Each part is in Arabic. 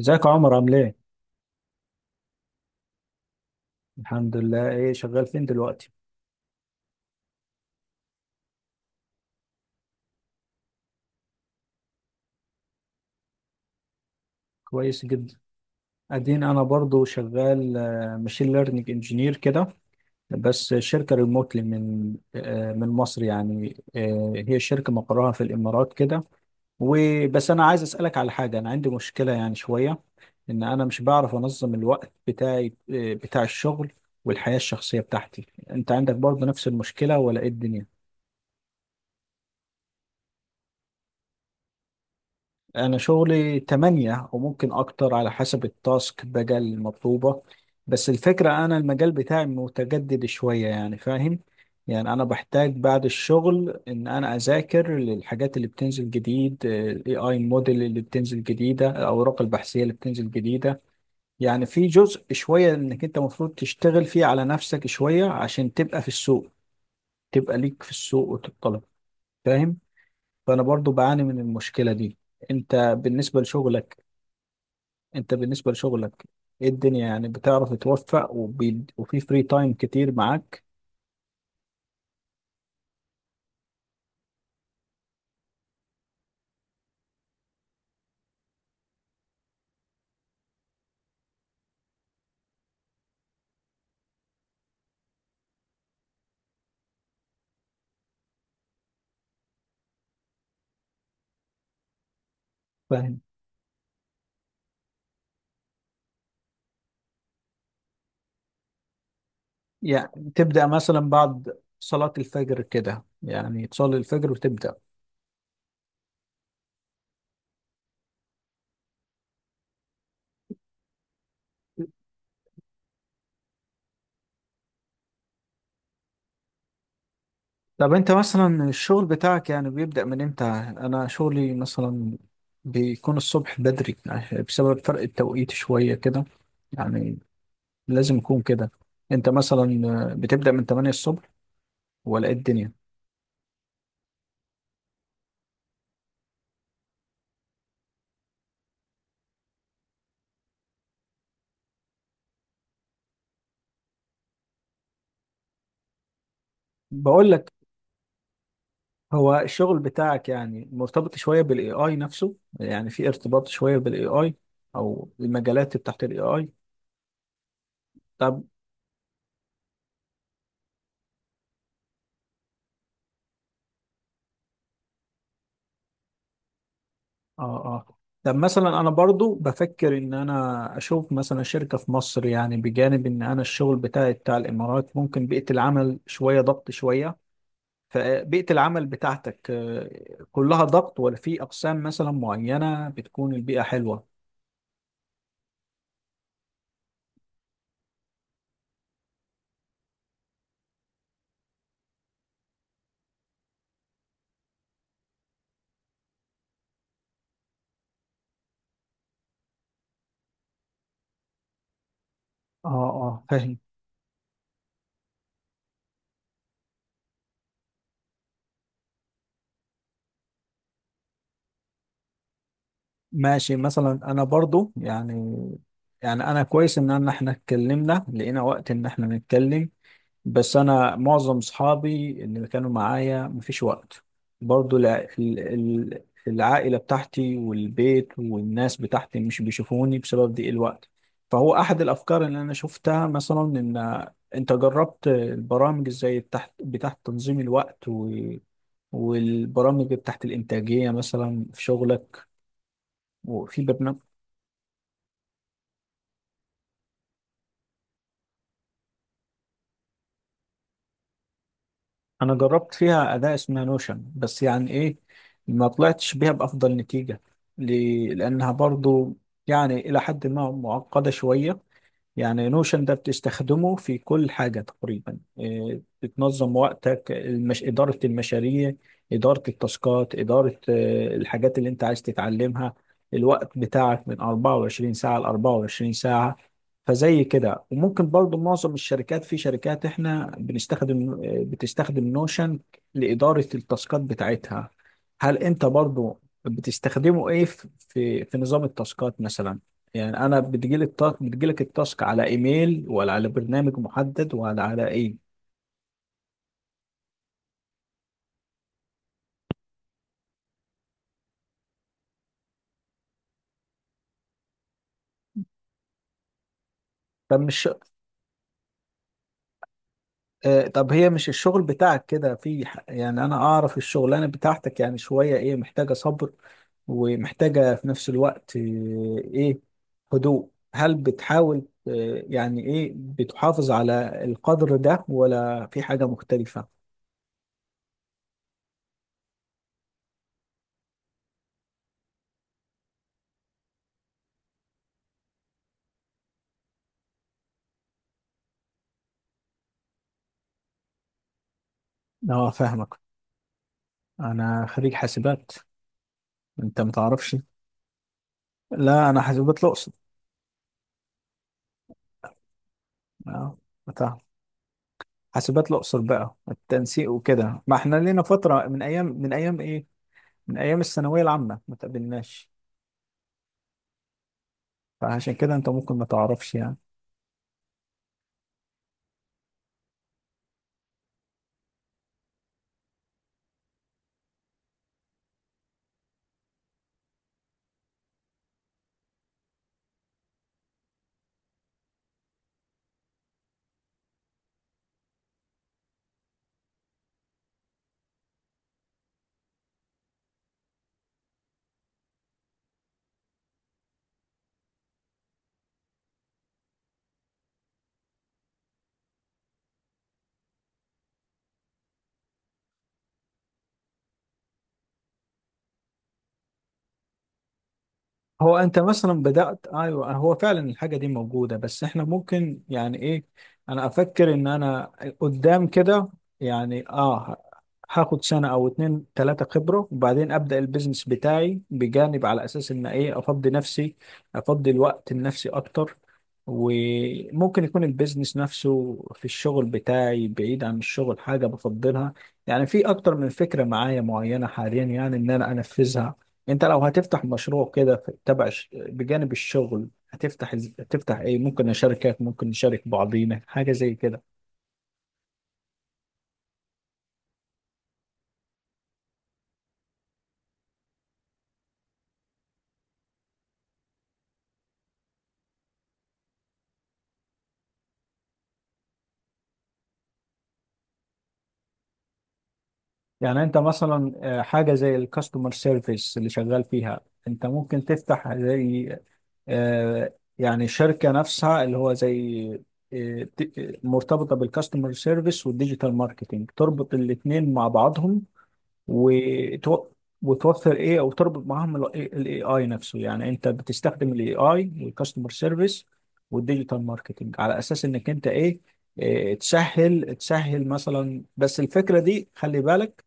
ازيك يا عمر عامل ايه؟ الحمد لله. ايه، شغال فين دلوقتي؟ كويس جدا، ادين انا برضو شغال ماشين ليرنينج انجينير كده. بس شركة ريموتلي من من مصر يعني، هي شركة مقرها في الامارات كده. وبس، انا عايز اسألك على حاجة. انا عندي مشكلة يعني شوية، ان انا مش بعرف انظم الوقت بتاعي، بتاع الشغل والحياة الشخصية بتاعتي. انت عندك برضو نفس المشكلة ولا ايه الدنيا؟ أنا شغلي تمانية وممكن أكتر على حسب التاسك بقى المطلوبة. بس الفكرة، أنا المجال بتاعي متجدد شوية، يعني فاهم. يعني أنا بحتاج بعد الشغل إن أنا أذاكر للحاجات اللي بتنزل جديد، ال AI موديل اللي بتنزل جديدة، الأوراق البحثية اللي بتنزل جديدة. يعني في جزء شوية إنك أنت المفروض تشتغل فيه على نفسك شوية عشان تبقى في السوق، تبقى ليك في السوق وتطلب. فاهم. فأنا برضو بعاني من المشكلة دي. أنت بالنسبة لشغلك، انت بالنسبة لشغلك ايه الدنيا؟ يعني بتعرف توفق وفي فري تايم كتير معاك؟ فاهم. يعني تبدأ مثلا بعد صلاة الفجر كده، يعني تصلي الفجر وتبدأ. طب انت مثلا الشغل بتاعك يعني بيبدأ من امتى؟ انا شغلي مثلا بيكون الصبح بدري، يعني بسبب فرق التوقيت شوية كده، يعني لازم يكون كده. انت مثلا بتبدأ من 8 الصبح ولا ايه الدنيا؟ بقول لك، هو الشغل بتاعك يعني مرتبط شوية بالاي اي نفسه؟ يعني في ارتباط شوية بالاي اي او المجالات بتاعت الاي اي؟ طب، اه اه. طب مثلا انا برضو بفكر ان انا اشوف مثلا شركة في مصر، يعني بجانب ان انا الشغل بتاعي بتاع الامارات، ممكن بيئة العمل شوية ضغط شوية. فبيئة العمل بتاعتك كلها ضغط ولا في اقسام مثلا معينة بتكون البيئة حلوة؟ اه اه فاهم. ماشي. مثلا انا برضو يعني، انا كويس ان احنا اتكلمنا لقينا وقت ان احنا نتكلم. بس انا معظم اصحابي اللي كانوا معايا مفيش وقت. برضو العائلة بتاعتي والبيت والناس بتاعتي مش بيشوفوني بسبب ضيق الوقت. فهو احد الافكار اللي انا شفتها مثلا، ان انت جربت البرامج ازاي بتاعت تنظيم الوقت و والبرامج بتاعت الإنتاجية مثلا في شغلك. وفي برنامج، انا جربت فيها اداة اسمها نوشن. بس يعني ايه، ما طلعتش بيها بافضل نتيجة لانها برضو يعني الى حد ما معقدة شوية. يعني نوشن ده بتستخدمه في كل حاجة تقريبا. إيه، بتنظم وقتك، إدارة المشاريع، إدارة التاسكات، إدارة الحاجات اللي أنت عايز تتعلمها، الوقت بتاعك من 24 ساعة ل 24 ساعة. فزي كده. وممكن برضو معظم الشركات، في شركات احنا بنستخدم، بتستخدم نوشن لإدارة التاسكات بتاعتها. هل أنت برضو بتستخدمه إيه في نظام التاسكات مثلا؟ يعني انا بتجيلي التاسك، بتجيلك التاسك على ايميل ولا على برنامج محدد ولا على ايه؟ طب مش، آه طب هي مش الشغل بتاعك كده في يعني انا اعرف الشغلانه بتاعتك يعني شويه ايه، محتاجه صبر ومحتاجه في نفس الوقت ايه، هدوء. هل بتحاول آه يعني ايه، بتحافظ على القدر ده ولا في حاجه مختلفه؟ اه فاهمك. انا خريج حاسبات. انت متعرفش؟ لا انا حاسبات الاقصر. اه فاهم. حاسبات الأقصر بقى التنسيق وكده، ما احنا لينا فترة من أيام، من أيام إيه، من أيام الثانوية العامة ما تقابلناش. فعشان كده أنت ممكن ما تعرفش يعني. هو انت مثلا بدأت، ايوه هو فعلا الحاجة دي موجودة. بس احنا ممكن يعني ايه، انا افكر ان انا قدام كده يعني اه، هاخد سنة او اتنين تلاتة خبرة وبعدين ابدأ البيزنس بتاعي بجانب، على اساس ان ايه، افضي نفسي، افضي الوقت لنفسي اكتر. وممكن يكون البيزنس نفسه في الشغل بتاعي، بعيد عن الشغل حاجة بفضلها. يعني في اكتر من فكرة معايا معينة حاليا، يعني ان انا انفذها. انت لو هتفتح مشروع كده بجانب الشغل، هتفتح هتفتح ايه؟ ممكن شركات، ممكن نشارك بعضينا حاجه زي كده؟ يعني انت مثلا حاجه زي الكاستمر سيرفيس اللي شغال فيها، انت ممكن تفتح زي يعني شركه نفسها اللي هو زي، مرتبطه بالكاستمر سيرفيس والديجيتال ماركتينج، تربط الاثنين مع بعضهم وتو... وتوفر ايه، او تربط معاهم الاي اي نفسه. يعني انت بتستخدم الاي اي والكاستمر سيرفيس والديجيتال ماركتنج على اساس انك انت ايه، إيه، تسهل مثلا. بس الفكره دي خلي بالك،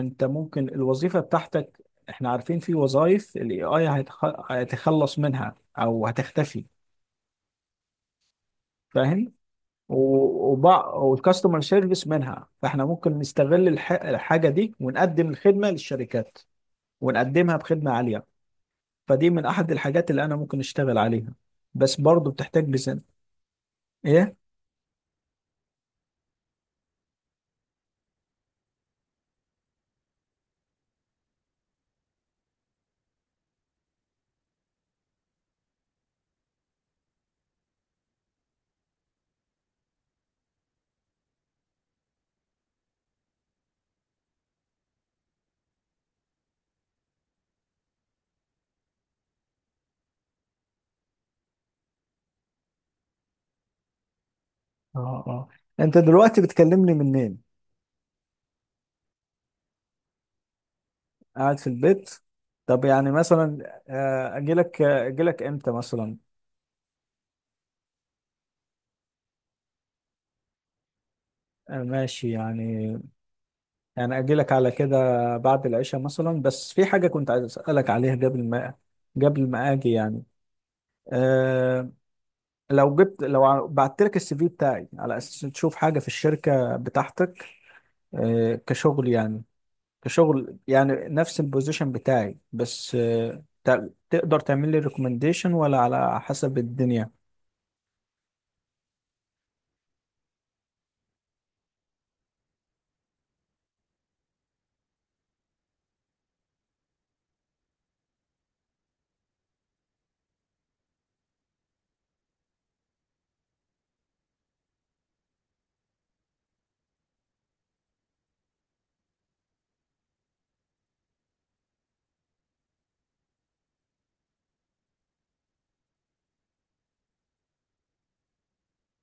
انت ممكن الوظيفه بتاعتك، احنا عارفين في وظائف الاي اي هيتخلص منها او هتختفي. فاهم. والكاستمر سيرفيس منها، فاحنا ممكن نستغل الحاجه دي ونقدم الخدمه للشركات ونقدمها بخدمة عالية. فدي من أحد الحاجات اللي أنا ممكن أشتغل عليها. بس برضو بتحتاج ميزانية. إيه؟ اه اه. انت دلوقتي بتكلمني منين؟ قاعد في البيت. طب يعني مثلا أجيلك، أجيلك إمتى مثلا؟ ماشي يعني، يعني أجيلك على كده بعد العشاء مثلا. بس في حاجة كنت عايز أسألك عليها قبل ما، أجي يعني. أه، لو جبت، بعت لك السي في بتاعي على أساس تشوف حاجة في الشركة بتاعتك، أه كشغل يعني، كشغل يعني نفس البوزيشن بتاعي. بس تقدر تعمل لي ريكومنديشن ولا على حسب الدنيا؟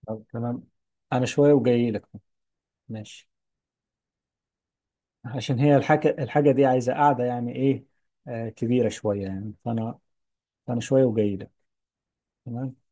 طب تمام، انا شويه وجاي لك. ماشي، عشان هي الحاجه، دي عايزه قاعده يعني ايه، آه كبيره شويه يعني، فانا شويه وجاي لك. تمام.